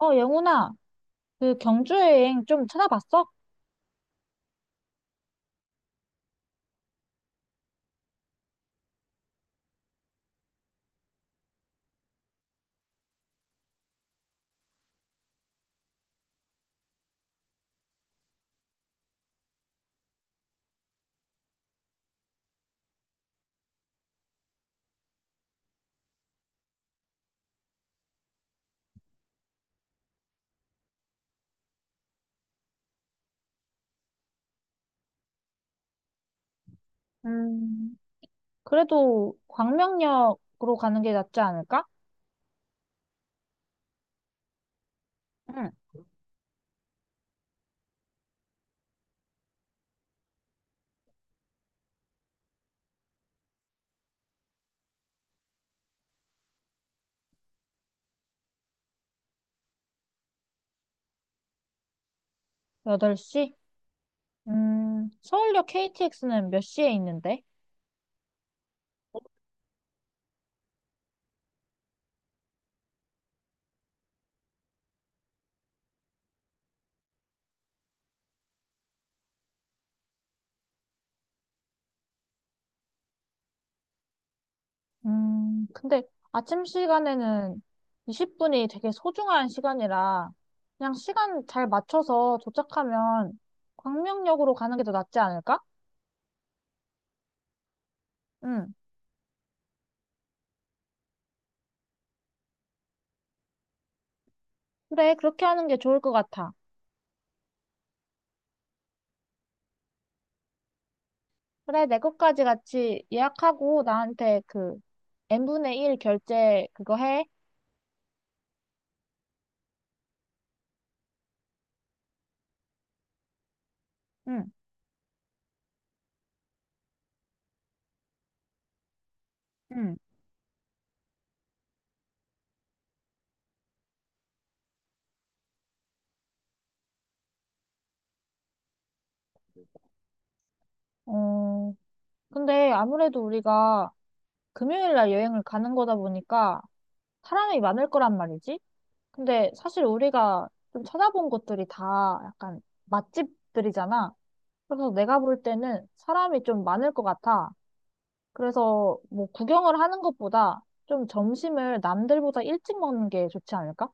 어, 영훈아, 그 경주 여행 좀 찾아봤어? 음, 그래도 광명역으로 가는 게 낫지 않을까? 응. 8시? 서울역 KTX는 몇 시에 있는데? 근데 아침 시간에는 20분이 되게 소중한 시간이라 그냥 시간 잘 맞춰서 도착하면 광명역으로 가는 게 더 낫지 않을까? 응. 그래, 그렇게 하는 게 좋을 것 같아. 그래, 내 것까지 같이 예약하고 나한테 그 n분의 1 결제 그거 해. 응, 응, 어, 근데 아무래도 우리가 금요일 날 여행을 가는 거다 보니까 사람이 많을 거란 말이지. 근데 사실 우리가 좀 찾아본 곳들이 다 약간 맛집들이잖아. 그래서 내가 볼 때는 사람이 좀 많을 것 같아. 그래서 뭐 구경을 하는 것보다 좀 점심을 남들보다 일찍 먹는 게 좋지 않을까?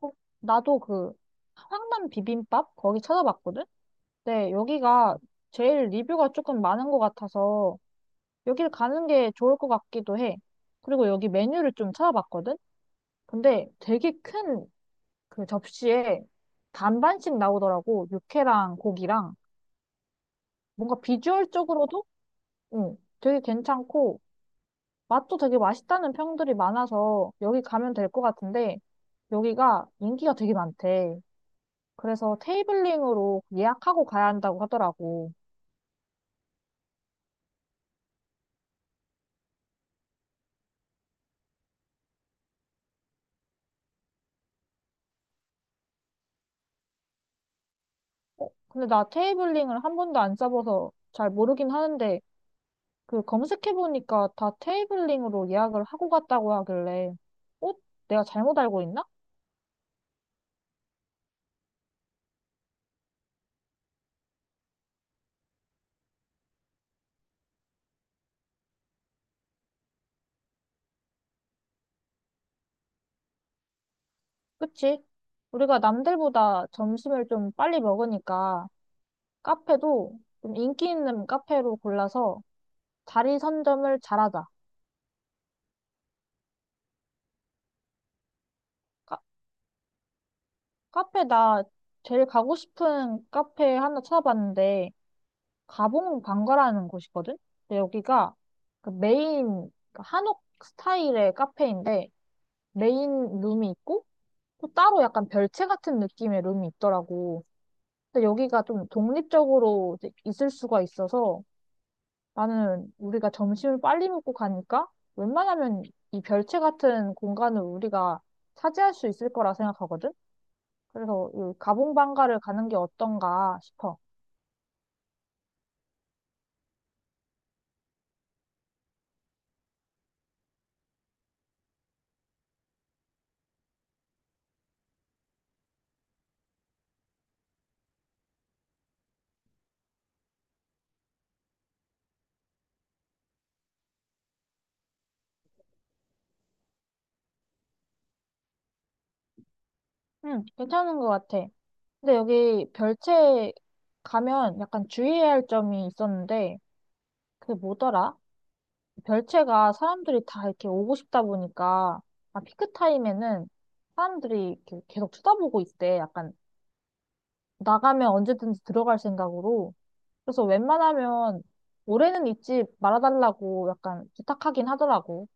어, 나도 그 황남 비빔밥 거기 찾아봤거든? 네, 여기가 제일 리뷰가 조금 많은 것 같아서 여기를 가는 게 좋을 것 같기도 해. 그리고 여기 메뉴를 좀 찾아봤거든? 근데 되게 큰 그 접시에 반반씩 나오더라고. 육회랑 고기랑. 뭔가 비주얼적으로도 응, 되게 괜찮고 맛도 되게 맛있다는 평들이 많아서 여기 가면 될 것 같은데 여기가 인기가 되게 많대. 그래서 테이블링으로 예약하고 가야 한다고 하더라고. 어, 근데 나 테이블링을 한 번도 안 써봐서 잘 모르긴 하는데, 그 검색해보니까 다 테이블링으로 예약을 하고 갔다고 하길래, 어? 내가 잘못 알고 있나? 그치? 우리가 남들보다 점심을 좀 빨리 먹으니까 카페도 좀 인기 있는 카페로 골라서 자리 선점을 잘하자. 카, 카페 나 제일 가고 싶은 카페 하나 찾아봤는데, 가봉 방가라는 곳이거든? 근데 여기가 그 메인 그 한옥 스타일의 카페인데 메인 룸이 있고 또 따로 약간 별채 같은 느낌의 룸이 있더라고. 근데 여기가 좀 독립적으로 이제 있을 수가 있어서 나는 우리가 점심을 빨리 먹고 가니까 웬만하면 이 별채 같은 공간을 우리가 차지할 수 있을 거라 생각하거든? 그래서 이 가봉 방가를 가는 게 어떤가 싶어. 응, 괜찮은 것 같아. 근데 여기 별채 가면 약간 주의해야 할 점이 있었는데, 그게 뭐더라? 별채가 사람들이 다 이렇게 오고 싶다 보니까, 아, 피크 타임에는 사람들이 이렇게 계속 쳐다보고 있대. 약간 나가면 언제든지 들어갈 생각으로. 그래서 웬만하면 올해는 잊지 말아달라고 약간 부탁하긴 하더라고.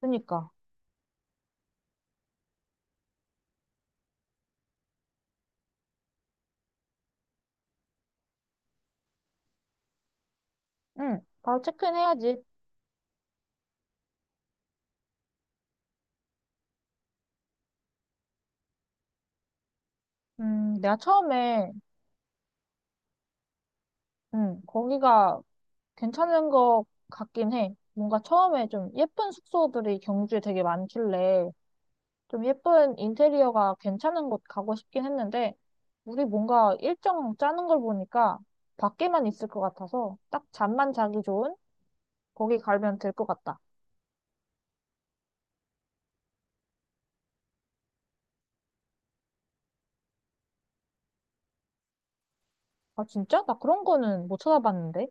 그러니까. 응, 바로 체크인 해야지. 내가 처음에, 거기가 괜찮은 것 같긴 해. 뭔가 처음에 좀 예쁜 숙소들이 경주에 되게 많길래 좀 예쁜 인테리어가 괜찮은 곳 가고 싶긴 했는데 우리 뭔가 일정 짜는 걸 보니까 밖에만 있을 것 같아서 딱 잠만 자기 좋은 거기 가면 될 것 같다. 아, 진짜? 나 그런 거는 못 찾아봤는데.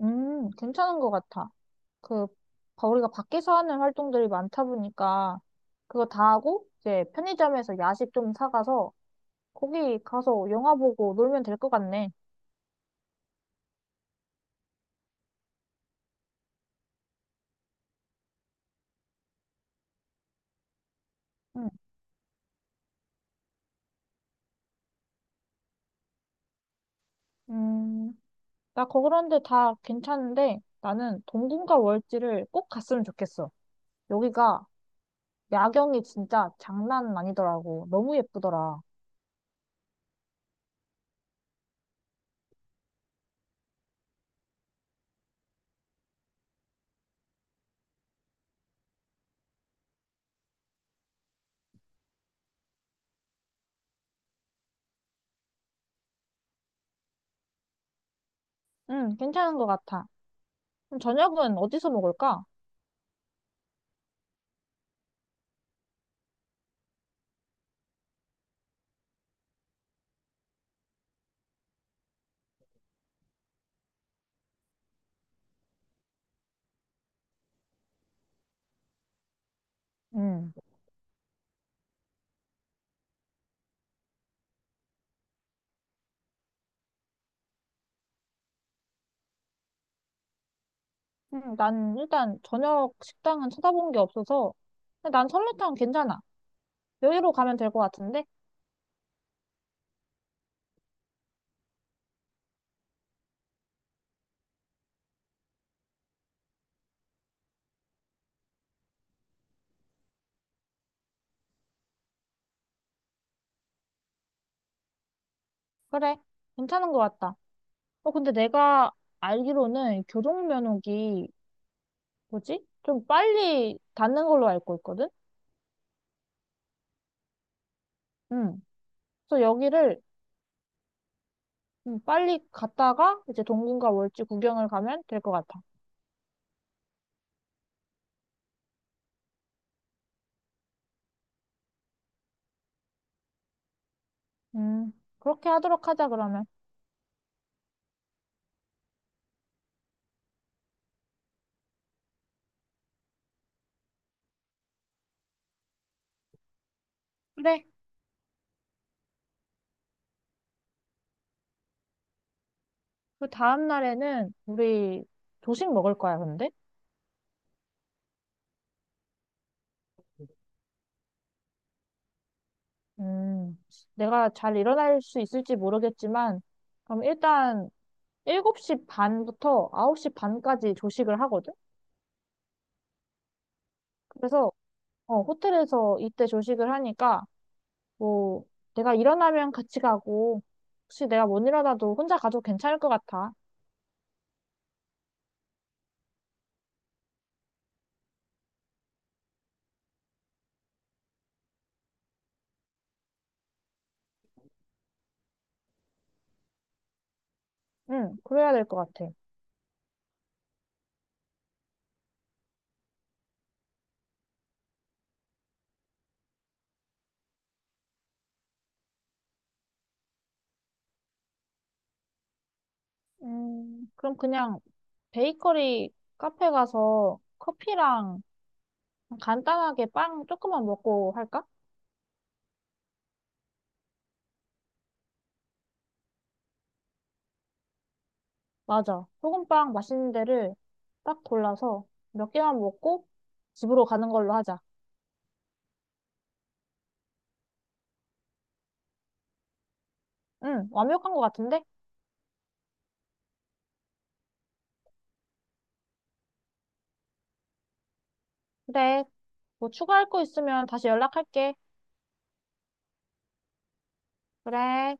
괜찮은 것 같아. 그, 우리가 밖에서 하는 활동들이 많다 보니까, 그거 다 하고, 이제 편의점에서 야식 좀 사가서 거기 가서 영화 보고 놀면 될 것 같네. 응. 음, 그런데 다 괜찮은데 나는 동궁과 월지를 꼭 갔으면 좋겠어. 여기가 야경이 진짜 장난 아니더라고. 너무 예쁘더라. 응, 괜찮은 것 같아. 그럼 저녁은 어디서 먹을까? 응. 난 일단 저녁 식당은 찾아본 게 없어서 근데 난 설렁탕 괜찮아. 여기로 가면 될 것 같은데? 그래, 괜찮은 것 같다. 어, 근데 내가 알기로는 교동면옥이 뭐지? 좀 빨리 닿는 걸로 알고 있거든? 응. 그래서 여기를 빨리 갔다가 이제 동궁과 월지 구경을 가면 될 것 같아. 음, 그렇게 하도록 하자, 그러면. 그래. 그 다음 날에는 우리 조식 먹을 거야, 근데? 음, 내가 잘 일어날 수 있을지 모르겠지만, 그럼 일단 7시 반부터 9시 반까지 조식을 하거든? 그래서, 호텔에서 이때 조식을 하니까, 뭐, 내가 일어나면 같이 가고, 혹시 내가 못 일어나도 혼자 가도 괜찮을 것 같아. 응, 그래야 될 것 같아. 그럼 그냥 베이커리 카페 가서 커피랑 간단하게 빵 조금만 먹고 할까? 맞아. 소금빵 맛있는 데를 딱 골라서 몇 개만 먹고 집으로 가는 걸로 하자. 응, 완벽한 것 같은데? 그래. 뭐 추가할 거 있으면 다시 연락할게. 그래.